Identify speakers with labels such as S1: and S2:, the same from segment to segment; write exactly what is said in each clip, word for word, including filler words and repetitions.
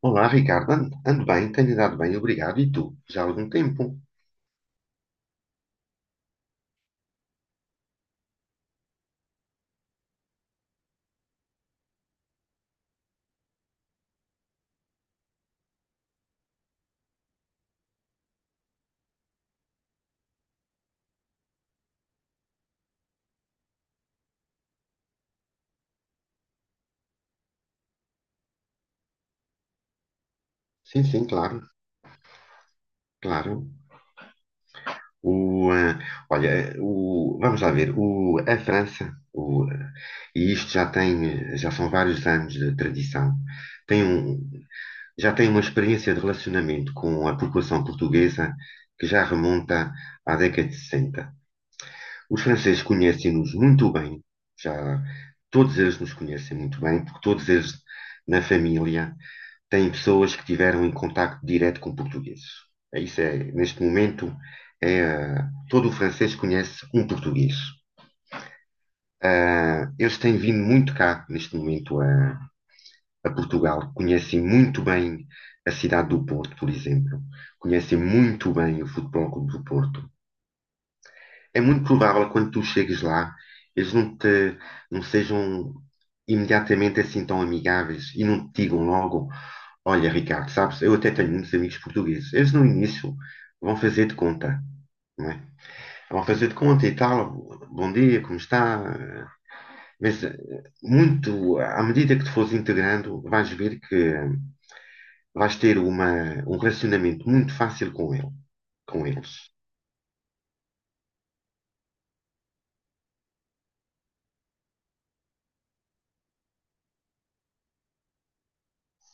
S1: Olá, Ricardo. Ando, ando bem, tenho andado bem, obrigado. E tu? Já há algum tempo? Sim, sim, claro, claro. O, eh, olha, o, vamos lá ver. O, a França, o, eh, e isto já tem, eh, já são vários anos de tradição, tem um, já tem uma experiência de relacionamento com a população portuguesa que já remonta à década de sessenta. Os franceses conhecem-nos muito bem, já todos eles nos conhecem muito bem, porque todos eles na família têm pessoas que tiveram em contacto direto com portugueses. É Isso é, neste momento, é, ah, todo o francês conhece um português. Ah, eles têm vindo muito cá, neste momento, a, a Portugal. Conhecem muito bem a cidade do Porto, por exemplo. Conhecem muito bem o Futebol Clube do Porto. É muito provável que quando tu chegues lá, eles não te, não sejam imediatamente assim tão amigáveis e não te digam logo: "Olha, Ricardo, sabes, eu até tenho muitos amigos portugueses." Eles no início vão fazer de conta, não é? Vão fazer de conta e tal, bom dia, como está? Mas eh, muito, à medida que te fores integrando, vais ver que eh, vais ter uma, um relacionamento muito fácil com ele, com eles.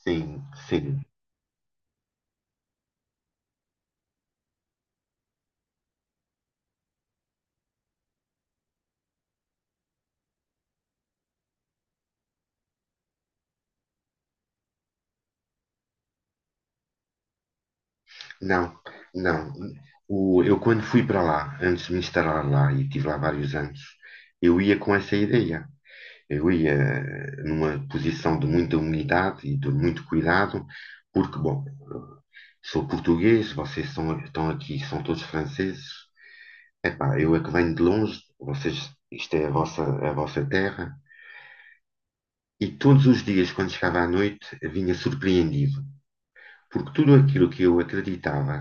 S1: Sim, sim. Não, não. O, eu quando fui para lá, antes de me instalar lá, e tive lá vários anos, eu ia com essa ideia. Eu ia eh, numa posição de muita humildade e de muito cuidado, porque, bom, sou português, vocês são, estão aqui, são todos franceses. Epá, eu é que venho de longe, vocês, isto é a vossa, a vossa terra. E todos os dias, quando chegava à noite, vinha surpreendido, porque tudo aquilo que eu acreditava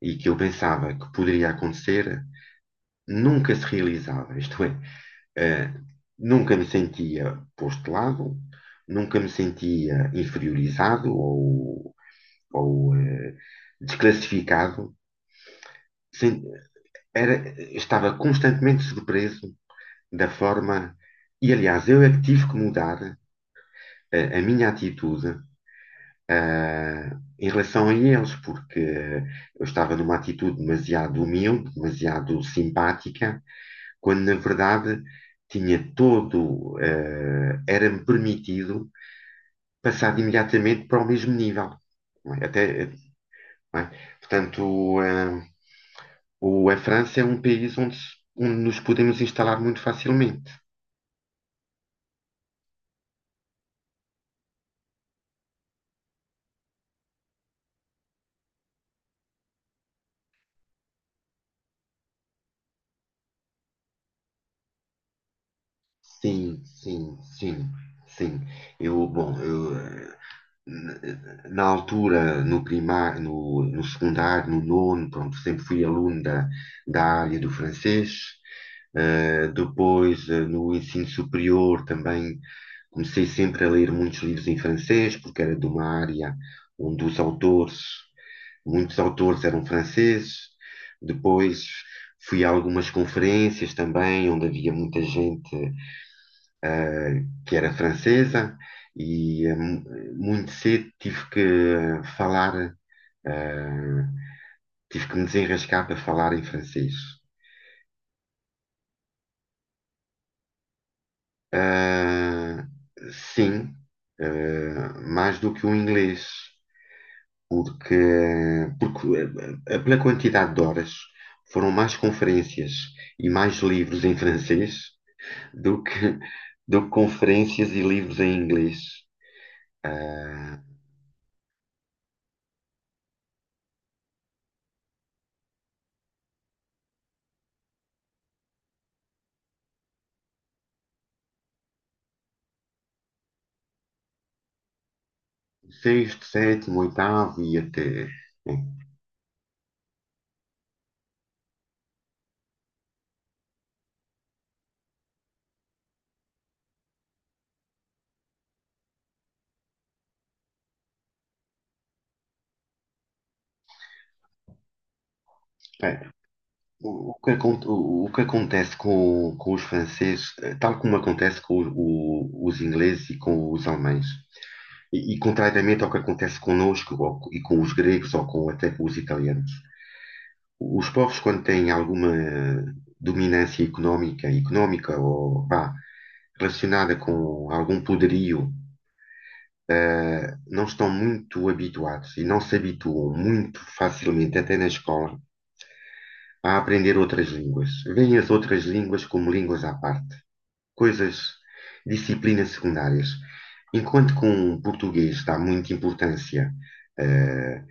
S1: e que eu pensava que poderia acontecer nunca se realizava. Isto é, Eh, nunca me sentia posto de lado, nunca me sentia inferiorizado ou, ou eh, desclassificado. Sem- era- Estava constantemente surpreso da forma. E aliás, eu é que tive que mudar eh, a, minha atitude ah, em relação a eles, porque eu estava numa atitude demasiado humilde, demasiado simpática quando na verdade tinha todo, eh, era-me permitido passar imediatamente para o mesmo nível. Não é? Até, não é? Portanto, eh, o, a França é um país onde, se- onde nos podemos instalar muito facilmente. Sim, sim, sim, sim. Eu, bom, eu, na na altura, no primário, no, no secundário, no nono, pronto, sempre fui aluno da, da área do francês. Eh, depois, eh, no ensino superior, também comecei sempre a ler muitos livros em francês, porque era de uma área onde os autores, muitos autores eram franceses. Depois, fui a algumas conferências também, onde havia muita gente que era francesa, e eh, mu- muito cedo tive que eh, falar, eh, tive que me desenrascar para falar em francês. Ah, sim, ah, mais do que o inglês, porque, porque eh, eh, pela quantidade de horas foram mais conferências e mais livros em francês do que, do que conferências e livros em inglês. Eh, Sexto, sétimo, oitavo e até. O, o que, acon- o, o que acontece com, com os franceses, eh, tal como acontece com o- o- os ingleses e com os alemães, e, e contrariamente ao que acontece connosco ou co- e com os gregos ou com, até com os italianos, os povos, quando têm alguma dominância económica, económica ou vá, relacionada com algum poderio, não estão muito habituados e não se habituam muito facilmente, até na escola, a aprender outras línguas. Veem as outras línguas como línguas à parte, coisas, disciplinas secundárias. Enquanto que um português dá muita importância, eh,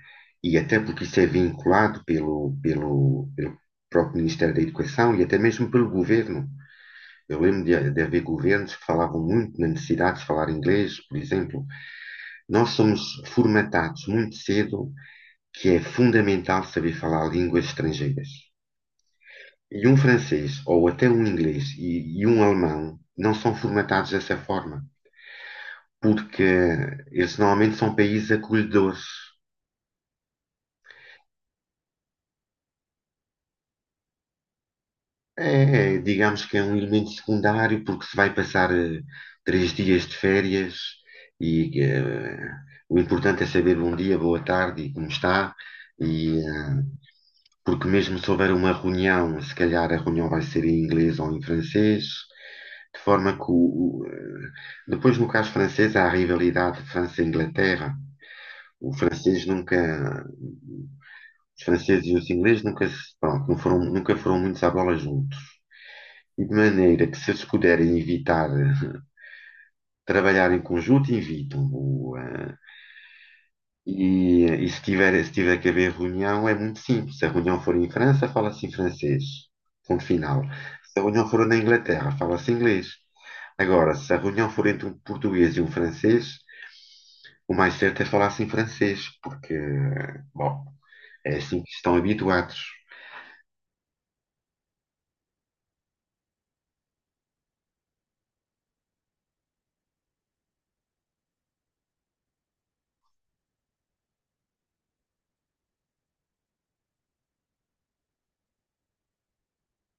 S1: e até porque isso é vinculado pelo, pelo, pelo próprio Ministério da Educação e até mesmo pelo governo. Eu lembro de, de haver governos que falavam muito na necessidade de falar inglês, por exemplo. Nós somos formatados muito cedo que é fundamental saber falar línguas estrangeiras. E um francês, ou até um inglês e, e um alemão, não são formatados dessa forma, porque eles normalmente são países acolhedores. É, é, digamos que é um elemento secundário, porque se vai passar eh, três dias de férias e eh, o importante é saber bom dia, boa tarde e como está. E, eh, porque mesmo se houver uma reunião, se calhar a reunião vai ser em inglês ou em francês, de forma que o- o, eh, depois no caso francês há a rivalidade França-Inglaterra. O francês nunca Os franceses e os ingleses nunca, se- pronto, não foram, nunca foram muito à bola juntos. E de maneira que, se eles puderem evitar eh, trabalhar em conjunto, evitam. O, eh, e, eh, E se tiver, se tiver que haver reunião, é muito simples. Se a reunião for em França, fala-se em francês. Ponto final. Se a reunião for na Inglaterra, fala-se inglês. Agora, se a reunião for entre um português e um francês, o mais certo é falar-se em francês, porque, eh, bom, é assim que estão habituados.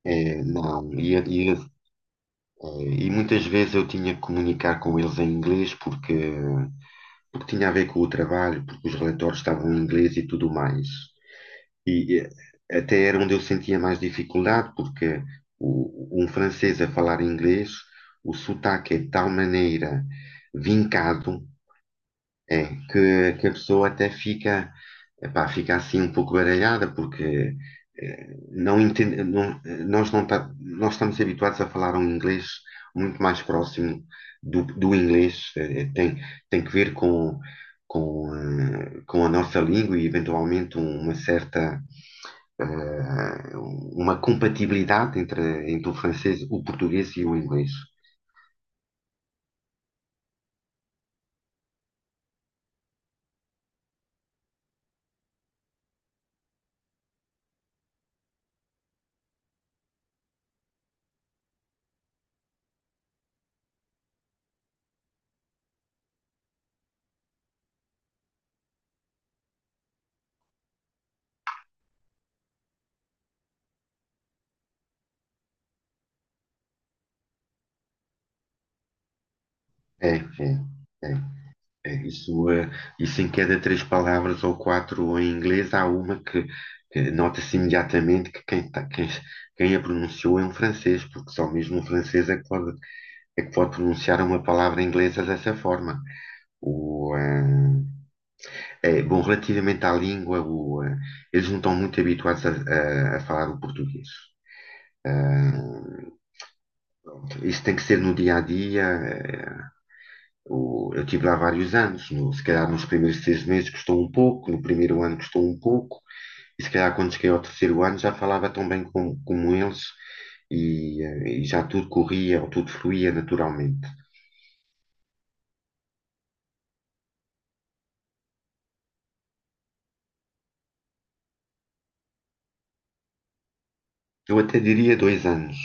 S1: É, não, e, a- e Eh, E muitas vezes eu tinha que comunicar com eles em inglês porque, porque tinha a ver com o trabalho, porque os relatórios estavam em inglês e tudo mais. E eh, até era onde eu sentia mais dificuldade, porque o- um francês a falar inglês, o sotaque é de tal maneira vincado é, que, que a pessoa até fica, epá, fica assim um pouco baralhada, porque eh, não entende, não- eh, nós, não tá- nós estamos habituados a falar um inglês muito mais próximo do, do inglês, eh, eh, tem, tem que ver com, com, eh, com a nossa língua e eventualmente uma certa, eh, uma compatibilidade entre, entre o francês, o português e o inglês. É, é, é. É, Isso, eh, isso em cada três palavras ou quatro em inglês há uma que, que nota-se imediatamente que quem, tá- quem, quem a pronunciou é um francês, porque só mesmo um francês é que pode, é que pode pronunciar uma palavra inglesa dessa forma. O, eh, é, bom, relativamente à língua, o, eh, eles não estão muito habituados a, a- a falar o português. Eh, isso tem que ser no dia a dia. Eh, o- eu tive lá vários anos. No- se calhar nos primeiros seis meses custou um pouco, no primeiro ano custou um pouco. E se calhar quando cheguei ao terceiro ano já falava tão bem com, como eles e, eh, e já tudo corria ou tudo fluía naturalmente. Eu até diria dois anos.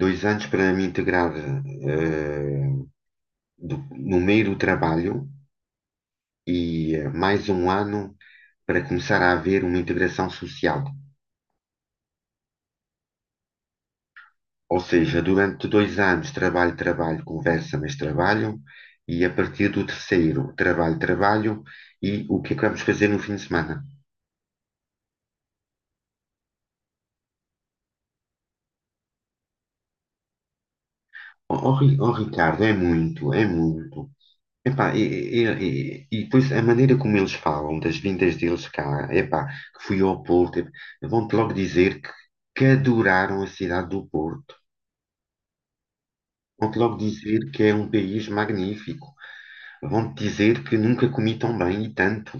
S1: Dois anos para me integrar eh, do- no meio do trabalho e eh, mais um ano para começar a haver uma integração social. Ou seja, durante dois anos trabalho, trabalho, conversa, mas trabalho, e a partir do terceiro trabalho, trabalho, e o que é que vamos fazer no fim de semana? Oh, Ri- oh, Ricardo, é muito, é muito. Epá, e, e, e- e depois a maneira como eles falam das vindas deles cá, epá, que fui ao Porto, ep- vão-te logo dizer que, que adoraram a cidade do Porto. Vão-te logo dizer que é um país magnífico. Vão-te dizer que nunca comi tão bem e tanto.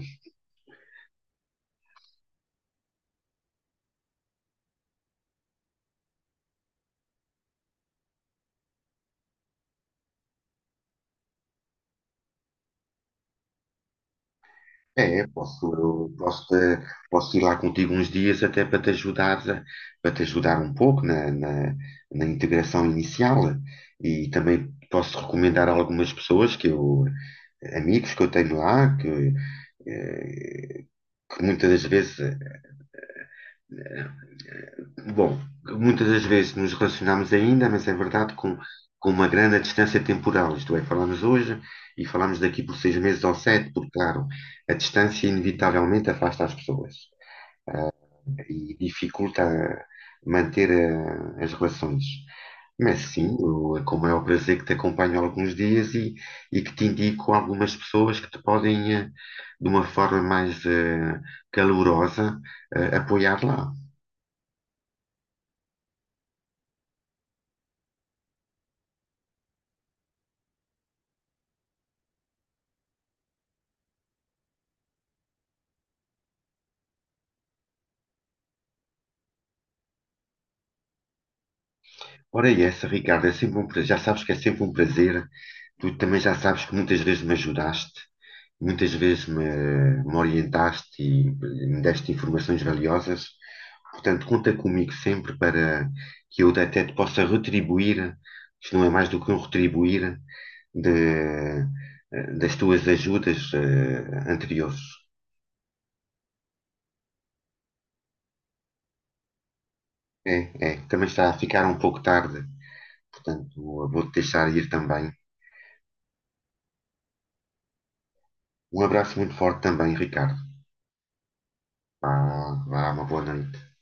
S1: É, posso, eu posso, te- posso ir lá contigo uns dias até para te ajudar, para te ajudar um pouco na, na, na integração inicial e também posso recomendar algumas pessoas que eu, amigos que eu tenho lá, que, eh, que muitas das vezes, eh, bom, muitas das vezes nos relacionamos ainda, mas é verdade com, com uma grande distância temporal, isto é, falamos hoje e falamos daqui por seis meses ou sete, porque claro, a distância inevitavelmente afasta as pessoas e dificulta manter a- as relações. Mas sim, eu- com o maior prazer que te acompanho há alguns dias e, e que te indico algumas pessoas que te podem, eh, de uma forma mais eh, calorosa, eh, apoiar lá. Ora, é essa, Ricardo, é sempre um prazer. Já sabes que é sempre um prazer. Tu também já sabes que muitas vezes me ajudaste. Muitas vezes me, me orientaste e me deste informações valiosas. Portanto, conta comigo sempre para que eu até te possa retribuir, isto não é mais do que um retribuir de- das tuas ajudas eh, anteriores. É, é, também está a ficar um pouco tarde, portanto, vou-te deixar ir também. Um abraço muito forte também, Ricardo. Vá, vá, uma boa noite.